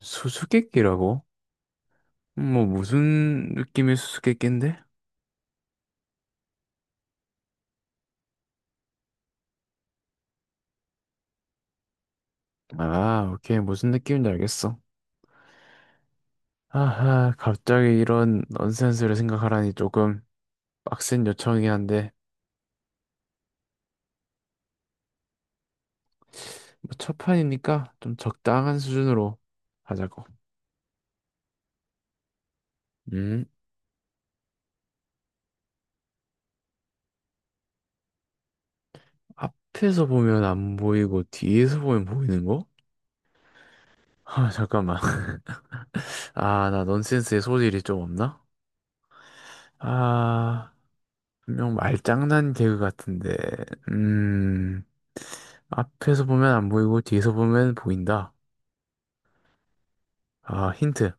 수수께끼라고? 뭐 무슨 느낌의 수수께끼인데? 아, 오케이. 무슨 느낌인지 알겠어. 아하, 갑자기 이런 넌센스를 생각하라니 조금 빡센 요청이긴 한데 뭐 첫 판이니까 좀 적당한 수준으로 하자고. 음, 앞에서 보면 안 보이고 뒤에서 보면 보이는 거? 아, 잠깐만. 아, 나 넌센스의 소질이 좀 없나? 아. 분명 말장난 개그 같은데, 음, 앞에서 보면 안 보이고 뒤에서 보면 보인다. 아, 힌트.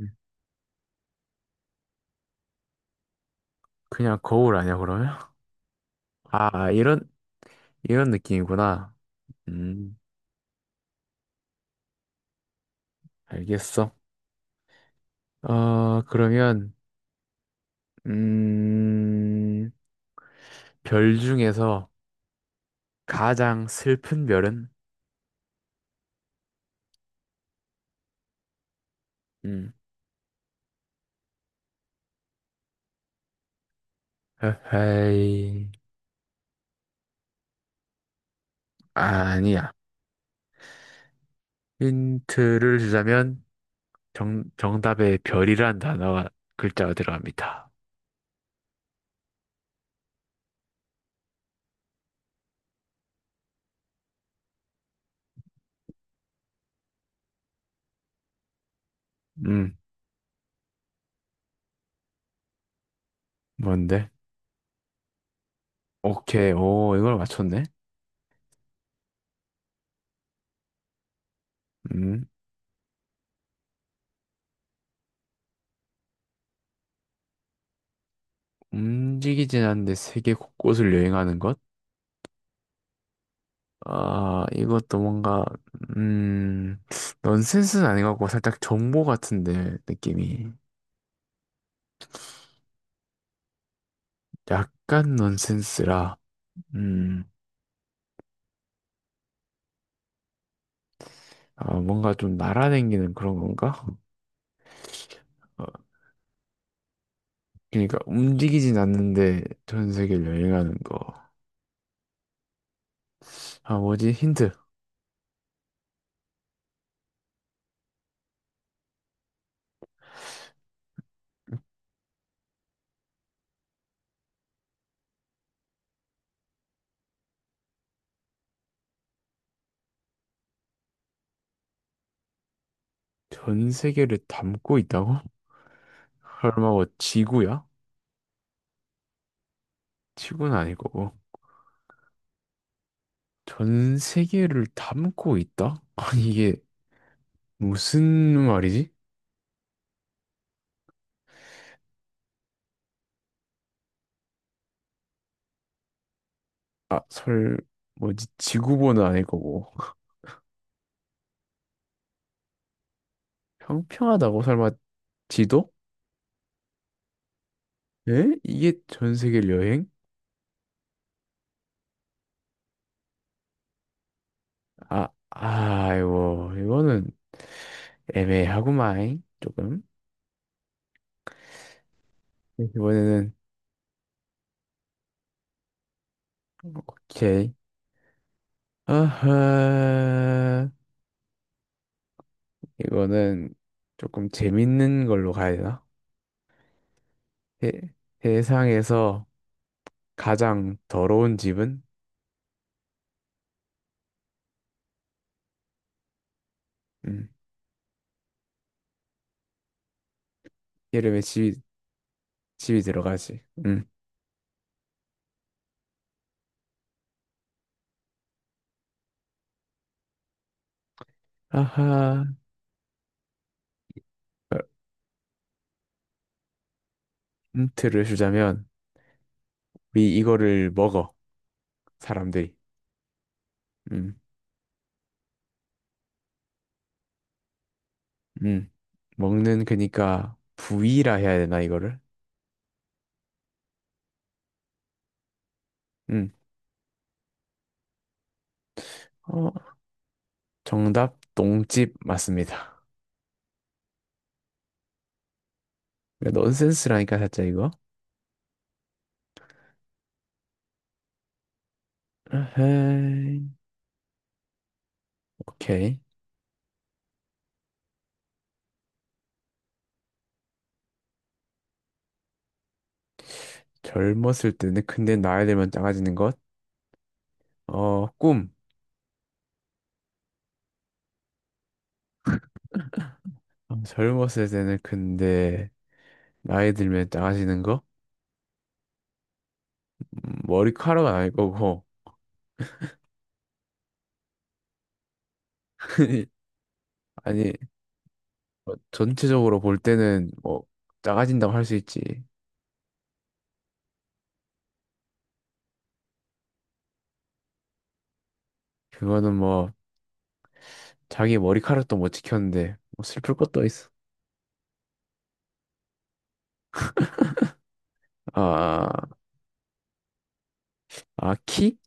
음, 그냥 거울 아니야, 그러면? 아, 이런, 이런 느낌이구나. 음, 알겠어. 어, 그러면, 음, 별 중에서 가장 슬픈 별은? 음, 에헤이, 아니야. 힌트를 주자면, 정답에 별이란 단어가 글자가 들어갑니다. 음, 뭔데? 오케이, 오, 이걸 맞췄네. 음, 움직이진 않는데 세계 곳곳을 여행하는 것? 아, 이것도 뭔가, 음, 넌센스는 아닌 것 같고 살짝 정보 같은데, 느낌이. 약간 넌센스라, 음, 아, 뭔가 좀 날아다니는 그런 건가? 어, 그러니까 움직이진 않는데 전 세계를 여행하는 거. 아, 뭐지? 힌트. 전 세계를 담고 있다고? 설마 뭐 지구야? 지구는 아닐 거고. 전 세계를 담고 있다? 아니 이게 무슨 말이지? 아, 설 뭐지? 지구본은 아닐 거고. 평평하다고 설마 지도? 에? 이게 전 세계 여행? 아, 아이고 이거는 애매하구만 조금. 이번에는 오케이. 아하. 이거는 조금 재밌는 걸로 가야 되나? 세, 세상에서 가장 더러운 집은? 음, 이름에 집이, 집이 들어가지. 음. 아하. 어, 힌트를 주자면, 우리 이거를 먹어, 사람들이. 음, 음. 먹는 그니까 부위라 해야 되나, 이거를? 음. 어, 정답, 똥집 맞습니다. 그러니까 넌센스라니까, 살짝 이거. 아하. 오케이. 젊었을 때는 근데 나이 들면 작아지는 것. 어, 꿈. 아, 젊었을 때는 근데 나이 들면 작아지는 거? 음, 머리카락은 아닐 거고. 아니, 뭐 전체적으로 볼 때는 뭐 작아진다고 할 수 있지. 그거는 뭐 자기 머리카락도 못 지켰는데 뭐 슬플 것도 있어. 아, 아, 키?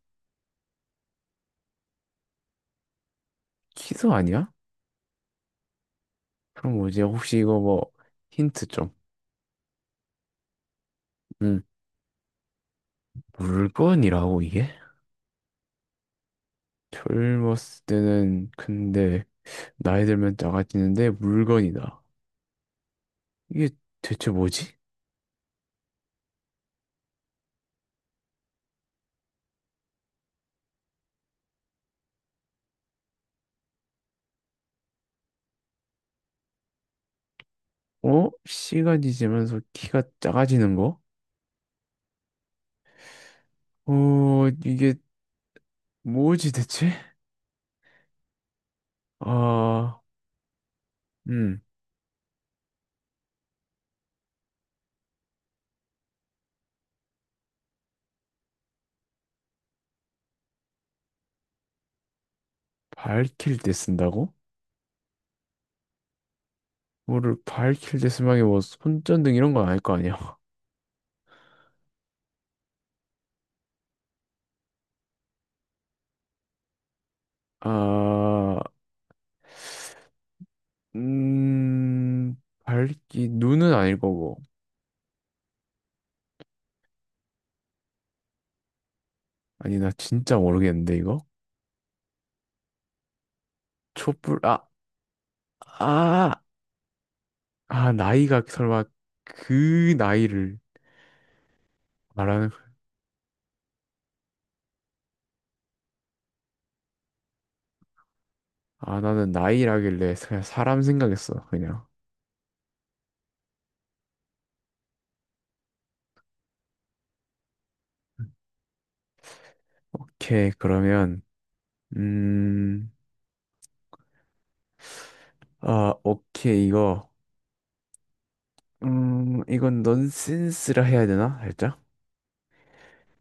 키도 아니야? 그럼 뭐지? 혹시 이거 뭐 힌트 좀. 음, 물건이라고 이게? 젊었을 때는 근데 나이 들면 작아지는데 물건이다. 이게 대체 뭐지? 어? 시간이 지나면서 키가 작아지는 거? 어, 이게 뭐지 대체? 아, 음, 밝힐 때 쓴다고? 뭐를 밝힐 때 쓰면 이게 뭐 손전등 이런 건 아닐 거 아니야? 아, 음, 밝기, 눈은 아닐 거고. 아니, 나 진짜 모르겠는데, 이거? 촛불, 아, 아, 아, 나이가 설마 그 나이를 말하는, 거- 아, 나는 나이라길래 그냥 사람 생각했어, 그냥. 오케이, 그러면. 음, 아, 오케이, 이거. 이건 넌센스라 해야 되나? 살짝?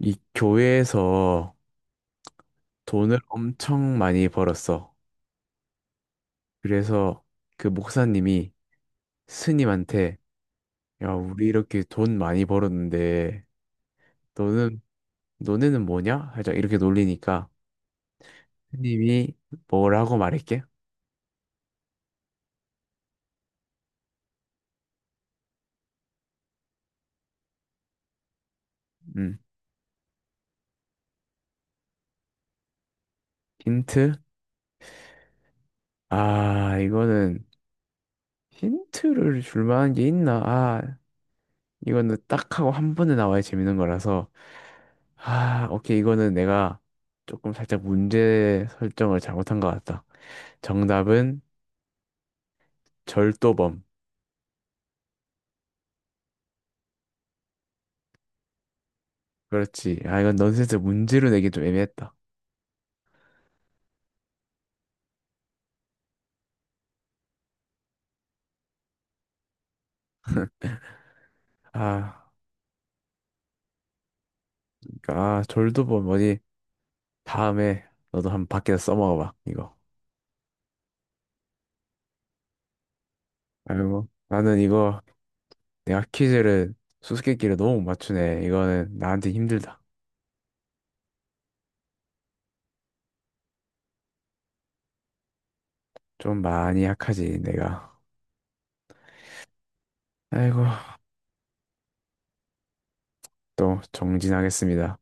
이 교회에서 돈을 엄청 많이 벌었어. 그래서 그 목사님이 스님한테, 야, 우리 이렇게 돈 많이 벌었는데, 너는, 너네는 뭐냐? 살짝 이렇게 놀리니까, 스님이 뭐라고 말할게? 음, 힌트? 아, 이거는 힌트를 줄 만한 게 있나? 아, 이거는 딱 하고 한 번에 나와야 재밌는 거라서 아, 오케이. 이거는 내가 조금 살짝 문제 설정을 잘못한 것 같다. 정답은 절도범. 그렇지. 아, 이건 넌센스 문제로 내기 좀 애매했다. 아, 그러니까 아, 절도범 뭐니? 다음에 너도 한번 밖에서 써먹어봐. 이거. 아이고, 나는 이거 내가 퀴즈를 수수께끼를 너무 못 맞추네. 이거는 나한테 힘들다. 좀 많이 약하지, 내가. 아이고, 또 정진하겠습니다.